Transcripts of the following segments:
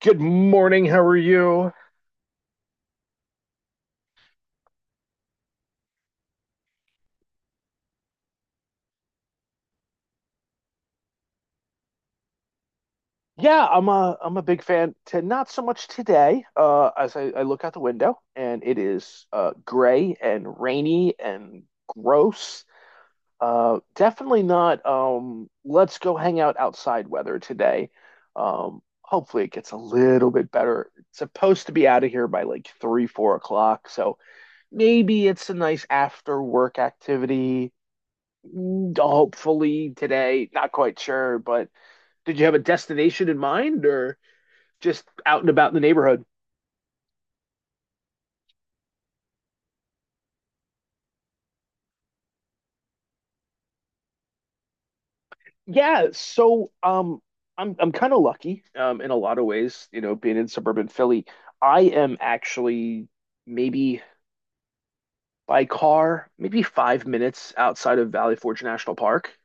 Good morning. How are you? Yeah, I'm a big fan to not so much today, as I look out the window, and it is gray and rainy and gross. Definitely not let's go hang out outside weather today. Hopefully it gets a little bit better. It's supposed to be out of here by like 3, 4 o'clock, so maybe it's a nice after work activity. Mm, Hopefully today, not quite sure, but. Did you have a destination in mind, or just out and about in the neighborhood? Yeah, so I'm kind of lucky in a lot of ways, you know, being in suburban Philly. I am actually maybe, by car, maybe 5 minutes outside of Valley Forge National Park.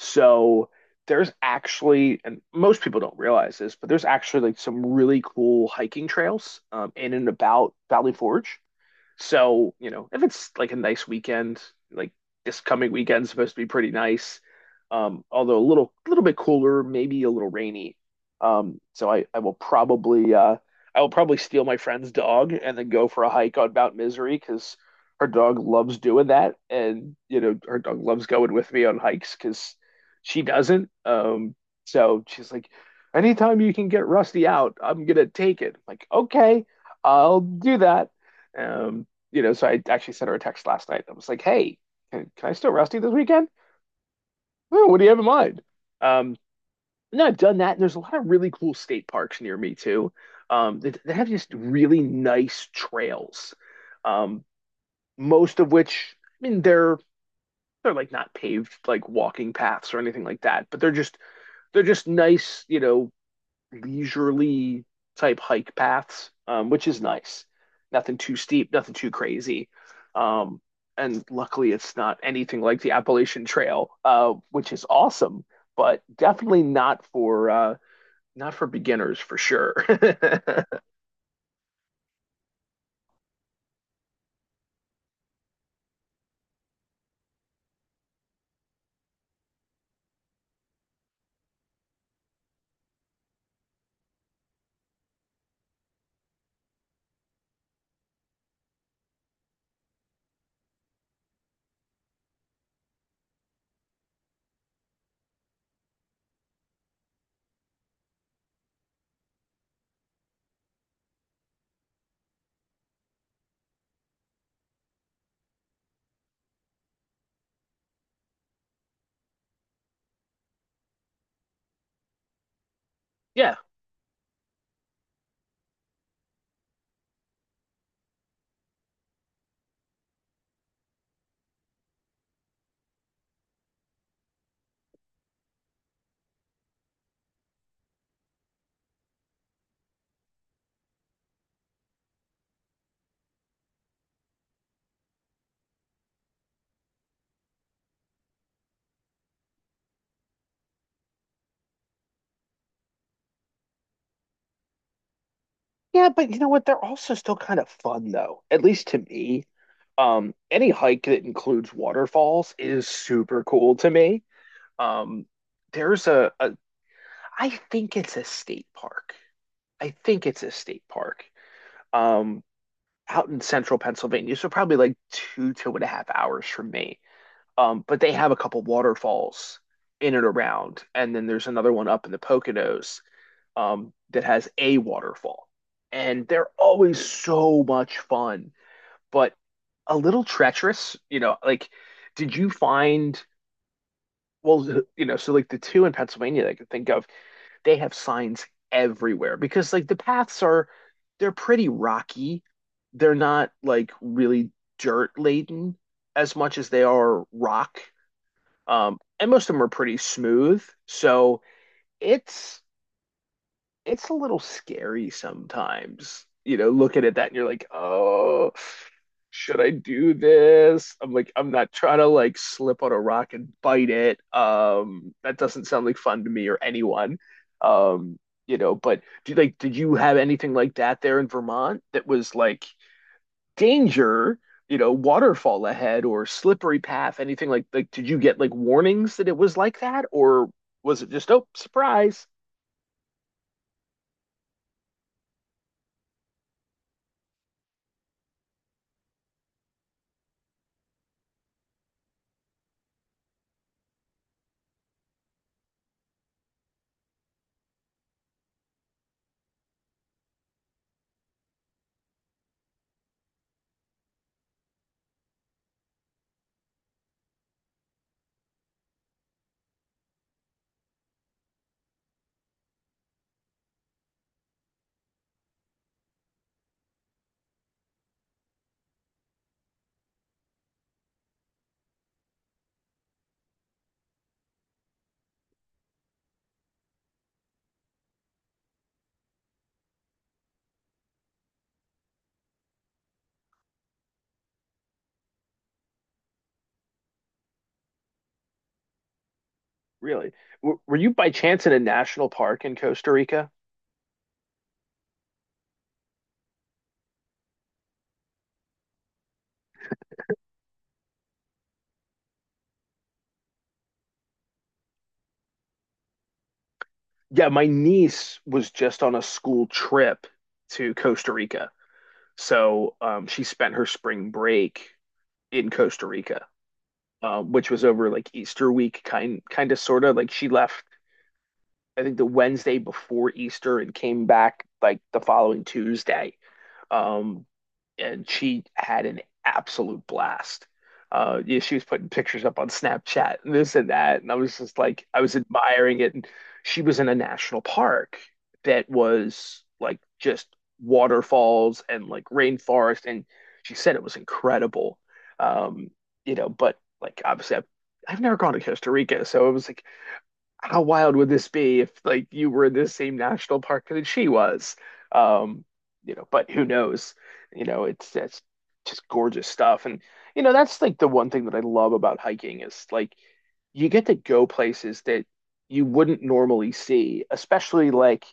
So there's actually, and most people don't realize this, but there's actually like some really cool hiking trails in and about Valley Forge. So, you know, if it's like a nice weekend, like this coming weekend's supposed to be pretty nice, although a little bit cooler, maybe a little rainy. So I will probably steal my friend's dog and then go for a hike on Mount Misery because her dog loves doing that, and you know her dog loves going with me on hikes because she doesn't. So she's like, anytime you can get Rusty out, I'm gonna take it. I'm like, okay, I'll do that. Um, you know, so I actually sent her a text last night that was like, "Hey, can I still Rusty this weekend? Oh, what do you have in mind?" Um, no, I've done that, and there's a lot of really cool state parks near me too. They have just really nice trails, um, most of which, I mean, they're like not paved like walking paths or anything like that, but they're just nice, you know, leisurely type hike paths, which is nice. Nothing too steep, nothing too crazy. Um, and luckily, it's not anything like the Appalachian Trail, which is awesome, but definitely not for not for beginners for sure. Yeah. Yeah, but you know what? They're also still kind of fun though, at least to me. Any hike that includes waterfalls is super cool to me. Um, there's I think it's a state park um, out in central Pennsylvania. So probably like 2.5 hours from me. But they have a couple waterfalls in and around. And then there's another one up in the Poconos that has a waterfall. And they're always so much fun, but a little treacherous. You know, like, did you find, well, you know, so like the two in Pennsylvania that I could think of, they have signs everywhere because like the paths are they're pretty rocky. They're not like really dirt laden as much as they are rock. And most of them are pretty smooth. So it's it's a little scary sometimes, you know, looking at that and you're like, oh, should I do this? I'm like, I'm not trying to like slip on a rock and bite it. That doesn't sound like fun to me or anyone. Um, you know, but do you like, did you have anything like that there in Vermont that was like danger, you know, waterfall ahead or slippery path, anything like did you get like warnings that it was like that, or was it just, oh, surprise? Really? W were you by chance in a national park in Costa Rica? Yeah, my niece was just on a school trip to Costa Rica. So she spent her spring break in Costa Rica, which was over like Easter week, kind of sort of. Like she left, I think, the Wednesday before Easter and came back like the following Tuesday. Um, and she had an absolute blast. Yeah, she was putting pictures up on Snapchat and this and that, and I was just like, I was admiring it. And she was in a national park that was like just waterfalls and like rainforest, and she said it was incredible. Um, you know, but like obviously, I've never gone to Costa Rica, so it was like, how wild would this be if like you were in this same national park that she was? Um, you know, but who knows? You know, it's that's just gorgeous stuff. And you know, that's like the one thing that I love about hiking is like you get to go places that you wouldn't normally see, especially like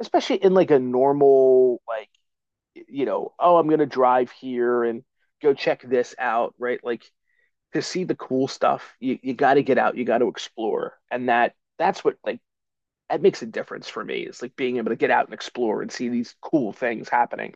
especially in like a normal like, you know, oh, I'm gonna drive here and go check this out, right? Like, to see the cool stuff, you got to get out, you got to explore, and that's what like that makes a difference for me. It's like being able to get out and explore and see these cool things happening.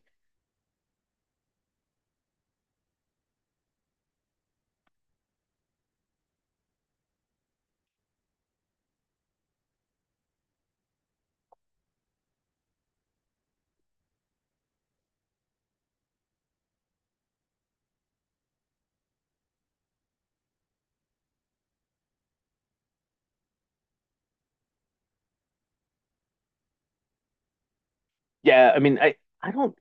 Yeah, I mean, I don't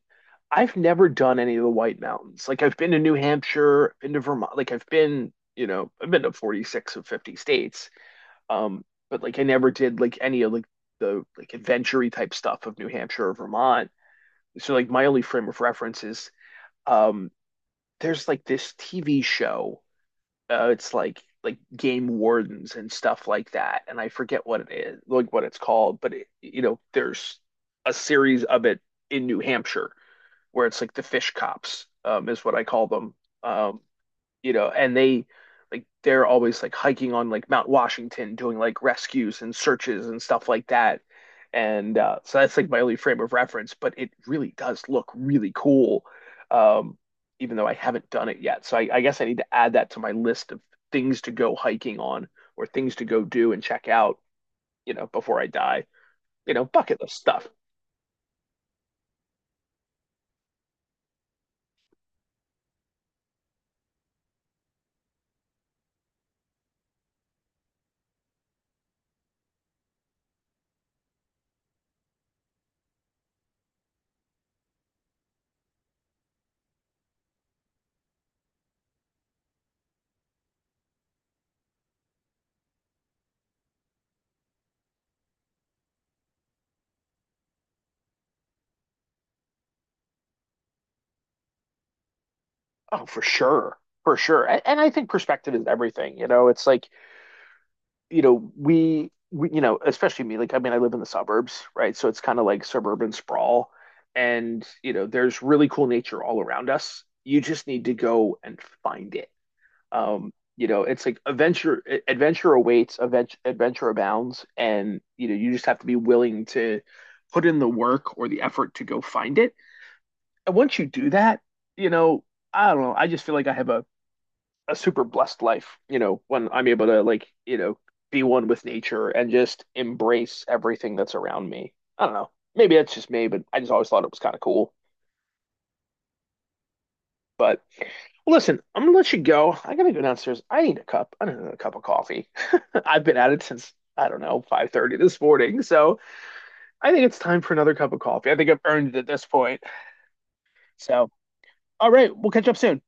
I've never done any of the White Mountains. Like I've been to New Hampshire, been to Vermont, like I've been, you know, I've been to 46 of 50 states. Um, but like I never did like any of like the like adventure type stuff of New Hampshire or Vermont. So like my only frame of reference is um there's like this TV show, it's like game wardens and stuff like that. And I forget what it is, like what it's called, but it, you know, there's a series of it in New Hampshire where it's like the fish cops is what I call them. Um, you know, and they they're always like hiking on like Mount Washington doing like rescues and searches and stuff like that. And so that's like my only frame of reference, but it really does look really cool, um, even though I haven't done it yet. So I guess I need to add that to my list of things to go hiking on, or things to go do and check out, you know, before I die. You know, bucket list stuff. Oh, for sure. For sure. And, I think perspective is everything. You know, it's like, you know, you know, especially me, like, I mean, I live in the suburbs, right? So it's kind of like suburban sprawl. And, you know, there's really cool nature all around us. You just need to go and find it. You know, it's like adventure, adventure awaits, adventure abounds. And, you know, you just have to be willing to put in the work or the effort to go find it. And once you do that, you know, I don't know, I just feel like I have a super blessed life, you know, when I'm able to like, you know, be one with nature and just embrace everything that's around me. I don't know. Maybe that's just me, but I just always thought it was kind of cool. But listen, I'm gonna let you go. I gotta go downstairs. I need a cup of coffee. I've been at it since I don't know, 5:30 this morning. So I think it's time for another cup of coffee. I think I've earned it at this point. So, all right, we'll catch up soon.